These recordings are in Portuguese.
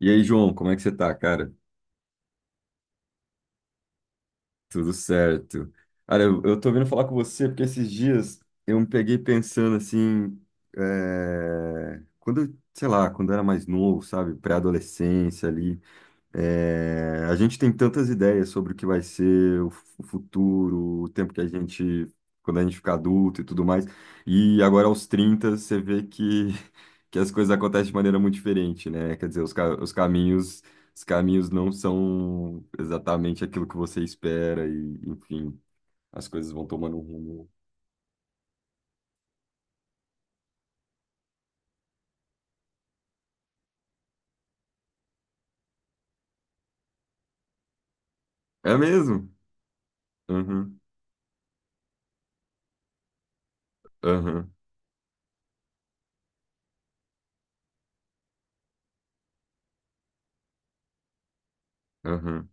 E aí, João, como é que você tá, cara? Tudo certo. Cara, eu tô vindo falar com você porque esses dias eu me peguei pensando assim, quando, sei lá, quando eu era mais novo, sabe, pré-adolescência ali. A gente tem tantas ideias sobre o que vai ser o o futuro, o tempo que a gente, quando a gente ficar adulto e tudo mais. E agora aos 30 você vê que, que as coisas acontecem de maneira muito diferente, né? Quer dizer, os, os caminhos não são exatamente aquilo que você espera e, enfim, as coisas vão tomando um rumo. É mesmo? Uhum, uhum, uhum.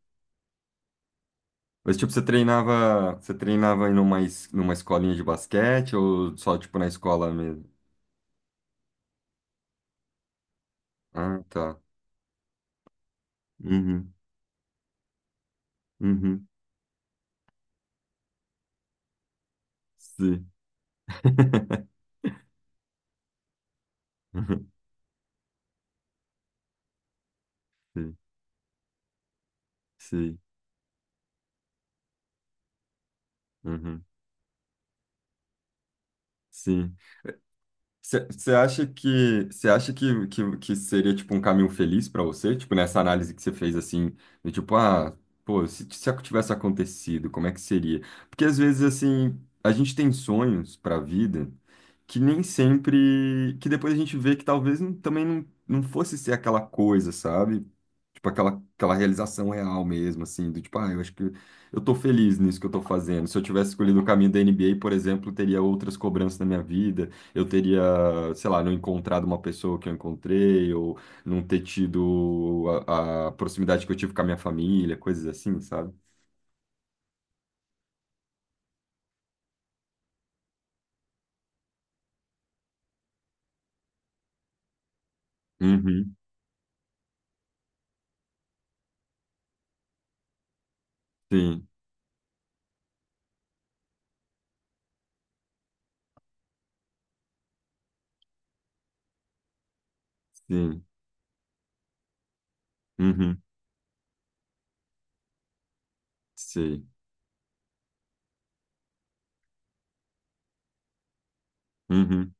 Mas tipo, você treinava em uma, numa escolinha de basquete ou só tipo na escola mesmo? Ah, tá. Uhum, uhum, sim. Sim, sim, uhum, sim. Você acha que seria tipo um caminho feliz para você? Tipo, nessa análise que você fez assim, do tipo, ah, pô, se, tivesse acontecido, como é que seria? Porque às vezes assim, a gente tem sonhos para a vida que nem sempre, que depois a gente vê que talvez não- também não fosse ser aquela coisa, sabe? Tipo, aquela realização real mesmo, assim, do tipo, ah, eu acho que eu tô feliz nisso que eu tô fazendo. Se eu tivesse escolhido o caminho da NBA, por exemplo, teria outras cobranças na minha vida, eu teria, sei lá, não encontrado uma pessoa que eu encontrei, ou não ter tido a proximidade que eu tive com a minha família, coisas assim, sabe? Uhum, sim, sim, uhum, sei, uhum.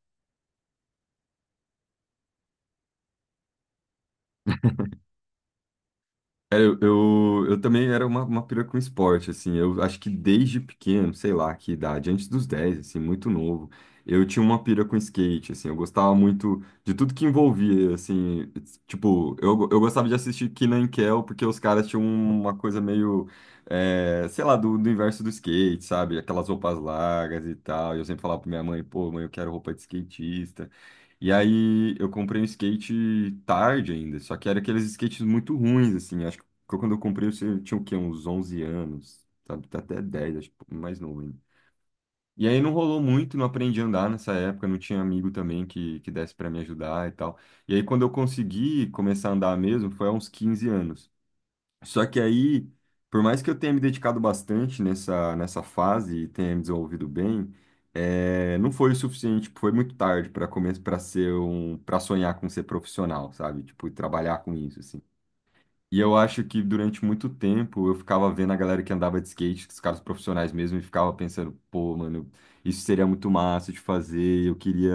Eu também era uma pira com esporte, assim, eu acho que desde pequeno, sei lá que idade, antes dos 10 assim, muito novo, eu tinha uma pira com skate, assim, eu gostava muito de tudo que envolvia, assim, tipo, eu gostava de assistir Kenan e Kel, porque os caras tinham uma coisa meio, sei lá, do universo do skate, sabe, aquelas roupas largas e tal, e eu sempre falava pra minha mãe, pô, mãe, eu quero roupa de skatista, e aí eu comprei um skate tarde ainda, só que era aqueles skates muito ruins, assim, porque quando eu comprei, você tinha o quê? Uns 11 anos, sabe? Tá, até 10 acho, que mais novo ainda. E aí não rolou muito, não aprendi a andar nessa época, não tinha amigo também que desse pra me ajudar e tal. E aí quando eu consegui começar a andar mesmo, foi há uns 15 anos. Só que aí, por mais que eu tenha me dedicado bastante nessa fase e tenha me desenvolvido bem, não foi o suficiente, foi muito tarde para começar, para ser para sonhar com ser profissional, sabe? Tipo, e trabalhar com isso, assim. E eu acho que durante muito tempo eu ficava vendo a galera que andava de skate, os caras profissionais mesmo, e ficava pensando, pô, mano, isso seria muito massa de fazer, eu queria,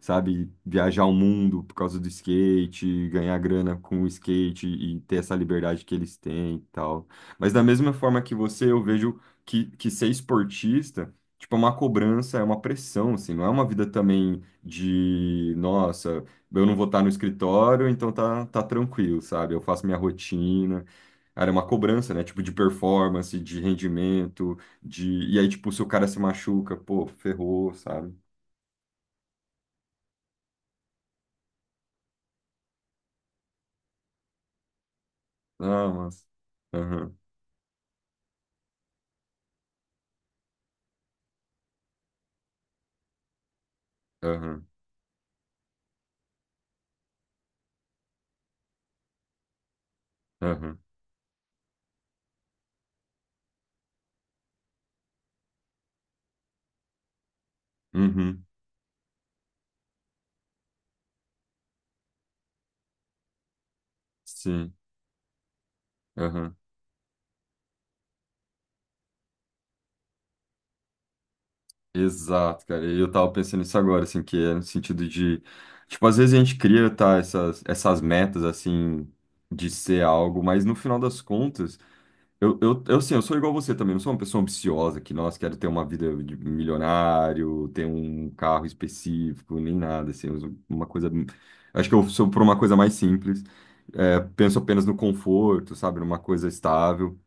sabe, viajar o mundo por causa do skate, ganhar grana com o skate e ter essa liberdade que eles têm e tal. Mas da mesma forma que você, eu vejo que ser esportista, tipo, é uma cobrança, é uma pressão, assim, não é uma vida também de, nossa. Eu não vou estar no escritório, então tá, tá tranquilo, sabe? Eu faço minha rotina. Era uma cobrança, né? Tipo, de performance, de rendimento, de... E aí, tipo, se o cara se machuca, pô, ferrou, sabe? Ah, mas... Aham, aham, aham. Uhum, sim, aham. Exato, cara. E eu tava pensando nisso agora, assim, que é no sentido de... Tipo, às vezes a gente cria, tá, essas metas, assim, de ser algo, mas no final das contas... assim, eu sou igual você também, eu sou uma pessoa ambiciosa que, nossa, quero ter uma vida de milionário, ter um carro específico, nem nada, assim, eu sou uma coisa... Acho que eu sou por uma coisa mais simples, penso apenas no conforto, sabe, numa coisa estável.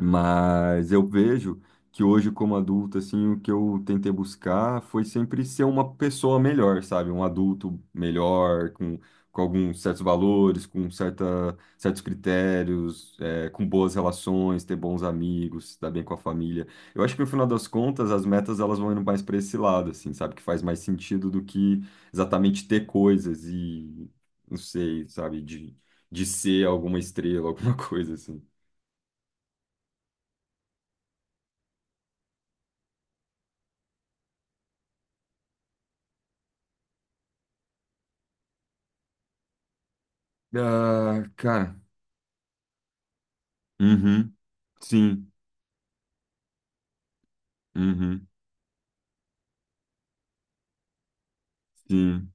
Mas eu vejo que hoje, como adulto, assim, o que eu tentei buscar foi sempre ser uma pessoa melhor, sabe? Um adulto melhor, com alguns certos valores, com certos critérios, com boas relações, ter bons amigos, se dar bem com a família. Eu acho que no final das contas, as metas elas vão indo mais para esse lado, assim, sabe? Que faz mais sentido do que exatamente ter coisas e, não sei, sabe? De ser alguma estrela, alguma coisa assim. Ah, cara, uhum, sim, uhum, sim,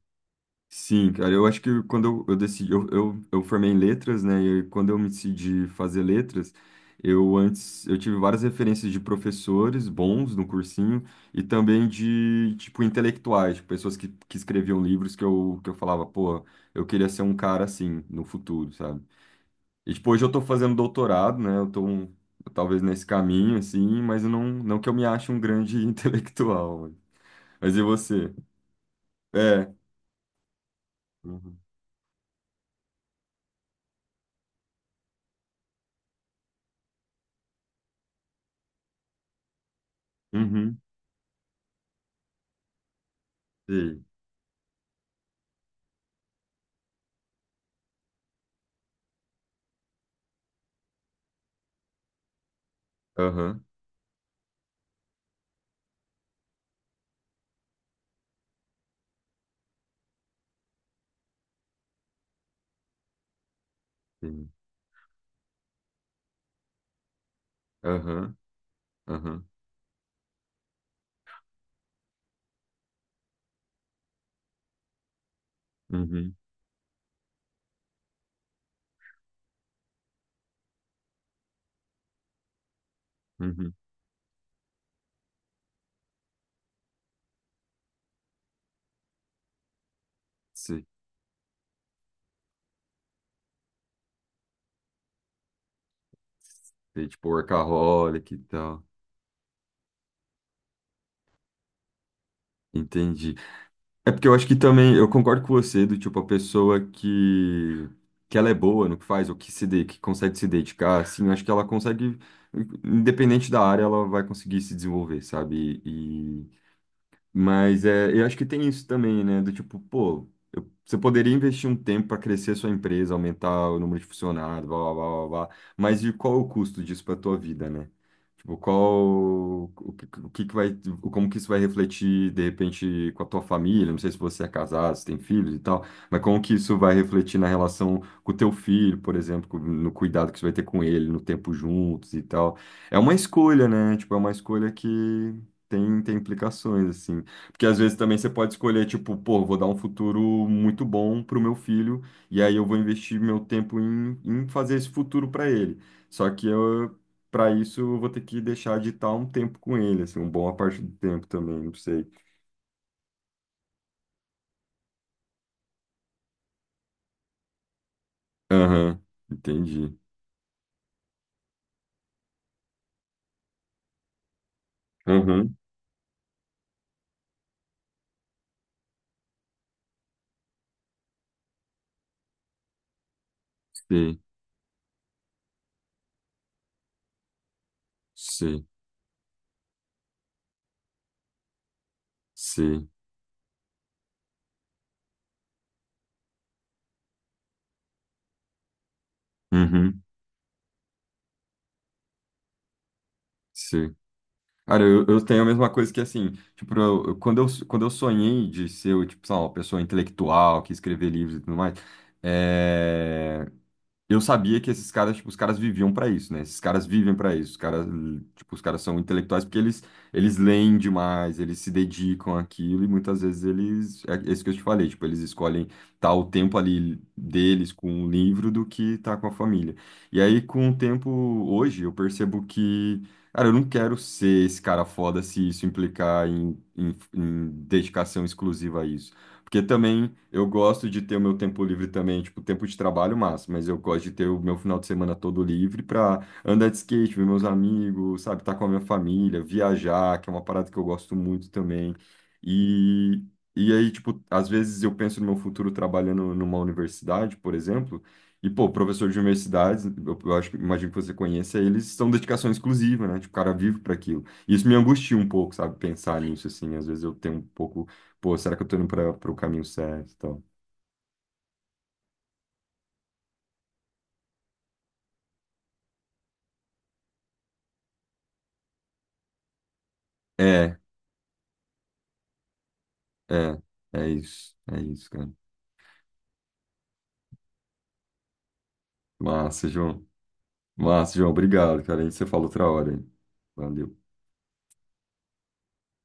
sim, cara, eu acho que quando eu decidi, eu formei em letras, né, e quando eu me decidi fazer letras, eu antes, eu tive várias referências de professores bons no cursinho e também de, tipo, intelectuais, de pessoas que escreviam livros que eu falava, pô, eu queria ser um cara assim no futuro, sabe? E, tipo, hoje eu tô fazendo doutorado, né? Talvez nesse caminho, assim, mas eu não que eu me ache um grande intelectual. Mas e você? É. Uhum. Uhum. Sei. Aham. Sei. Aham. Aham. Uhum. Uhum. Sei. Sei, tipo, workaholic e tal. Entendi. É porque eu acho que também, eu concordo com você, do tipo, a pessoa que ela é boa no que faz, ou que consegue se dedicar, assim, eu acho que ela consegue, independente da área, ela vai conseguir se desenvolver, sabe? E, mas é, eu acho que tem isso também, né? Do tipo, pô, você poderia investir um tempo para crescer sua empresa, aumentar o número de funcionários, blá, blá, blá, blá, blá. Mas e qual o custo disso para a tua vida, né? Tipo, o que que vai, como que isso vai refletir, de repente, com a tua família? Não sei se você é casado, se tem filhos e tal, mas como que isso vai refletir na relação com o teu filho, por exemplo, no cuidado que você vai ter com ele, no tempo juntos e tal. É uma escolha, né? Tipo, é uma escolha que tem implicações, assim. Porque às vezes também você pode escolher, tipo, pô, vou dar um futuro muito bom pro meu filho, e aí eu vou investir meu tempo em fazer esse futuro para ele. Só que eu, para isso, eu vou ter que deixar de estar um tempo com ele, assim, uma boa parte do tempo também, não sei. Aham, entendi. Aham, sei, sei, sei. Uhum, sei. Cara, eu tenho a mesma coisa que assim, tipo, quando quando eu sonhei de ser, tipo, sei lá, uma pessoa intelectual que escrever livros e tudo mais. É... eu sabia que esses caras, tipo, os caras viviam pra isso, né? Esses caras vivem pra isso. Os caras, tipo, os caras são intelectuais porque eles leem demais, eles se dedicam àquilo e muitas vezes eles, é isso que eu te falei, tipo, eles escolhem estar o tempo ali deles com o livro do que estar com a família. E aí, com o tempo hoje, eu percebo que, cara, eu não quero ser esse cara foda se isso implicar em, em dedicação exclusiva a isso. Porque também eu gosto de ter o meu tempo livre também, tipo, tempo de trabalho massa, mas eu gosto de ter o meu final de semana todo livre pra andar de skate, ver meus amigos, sabe, estar com a minha família, viajar, que é uma parada que eu gosto muito também. E, e aí, tipo, às vezes eu penso no meu futuro trabalhando numa universidade, por exemplo, e, pô, professor de universidades, imagino que você conheça, eles são dedicação exclusiva, né? Tipo, o cara vive para aquilo. E isso me angustia um pouco, sabe, pensar nisso, assim, às vezes eu tenho um pouco pô, será que eu tô indo para o caminho certo? E tal? É, é, é isso, cara. Massa, João. Massa, João, obrigado, cara. A gente se fala outra hora, hein? Valeu.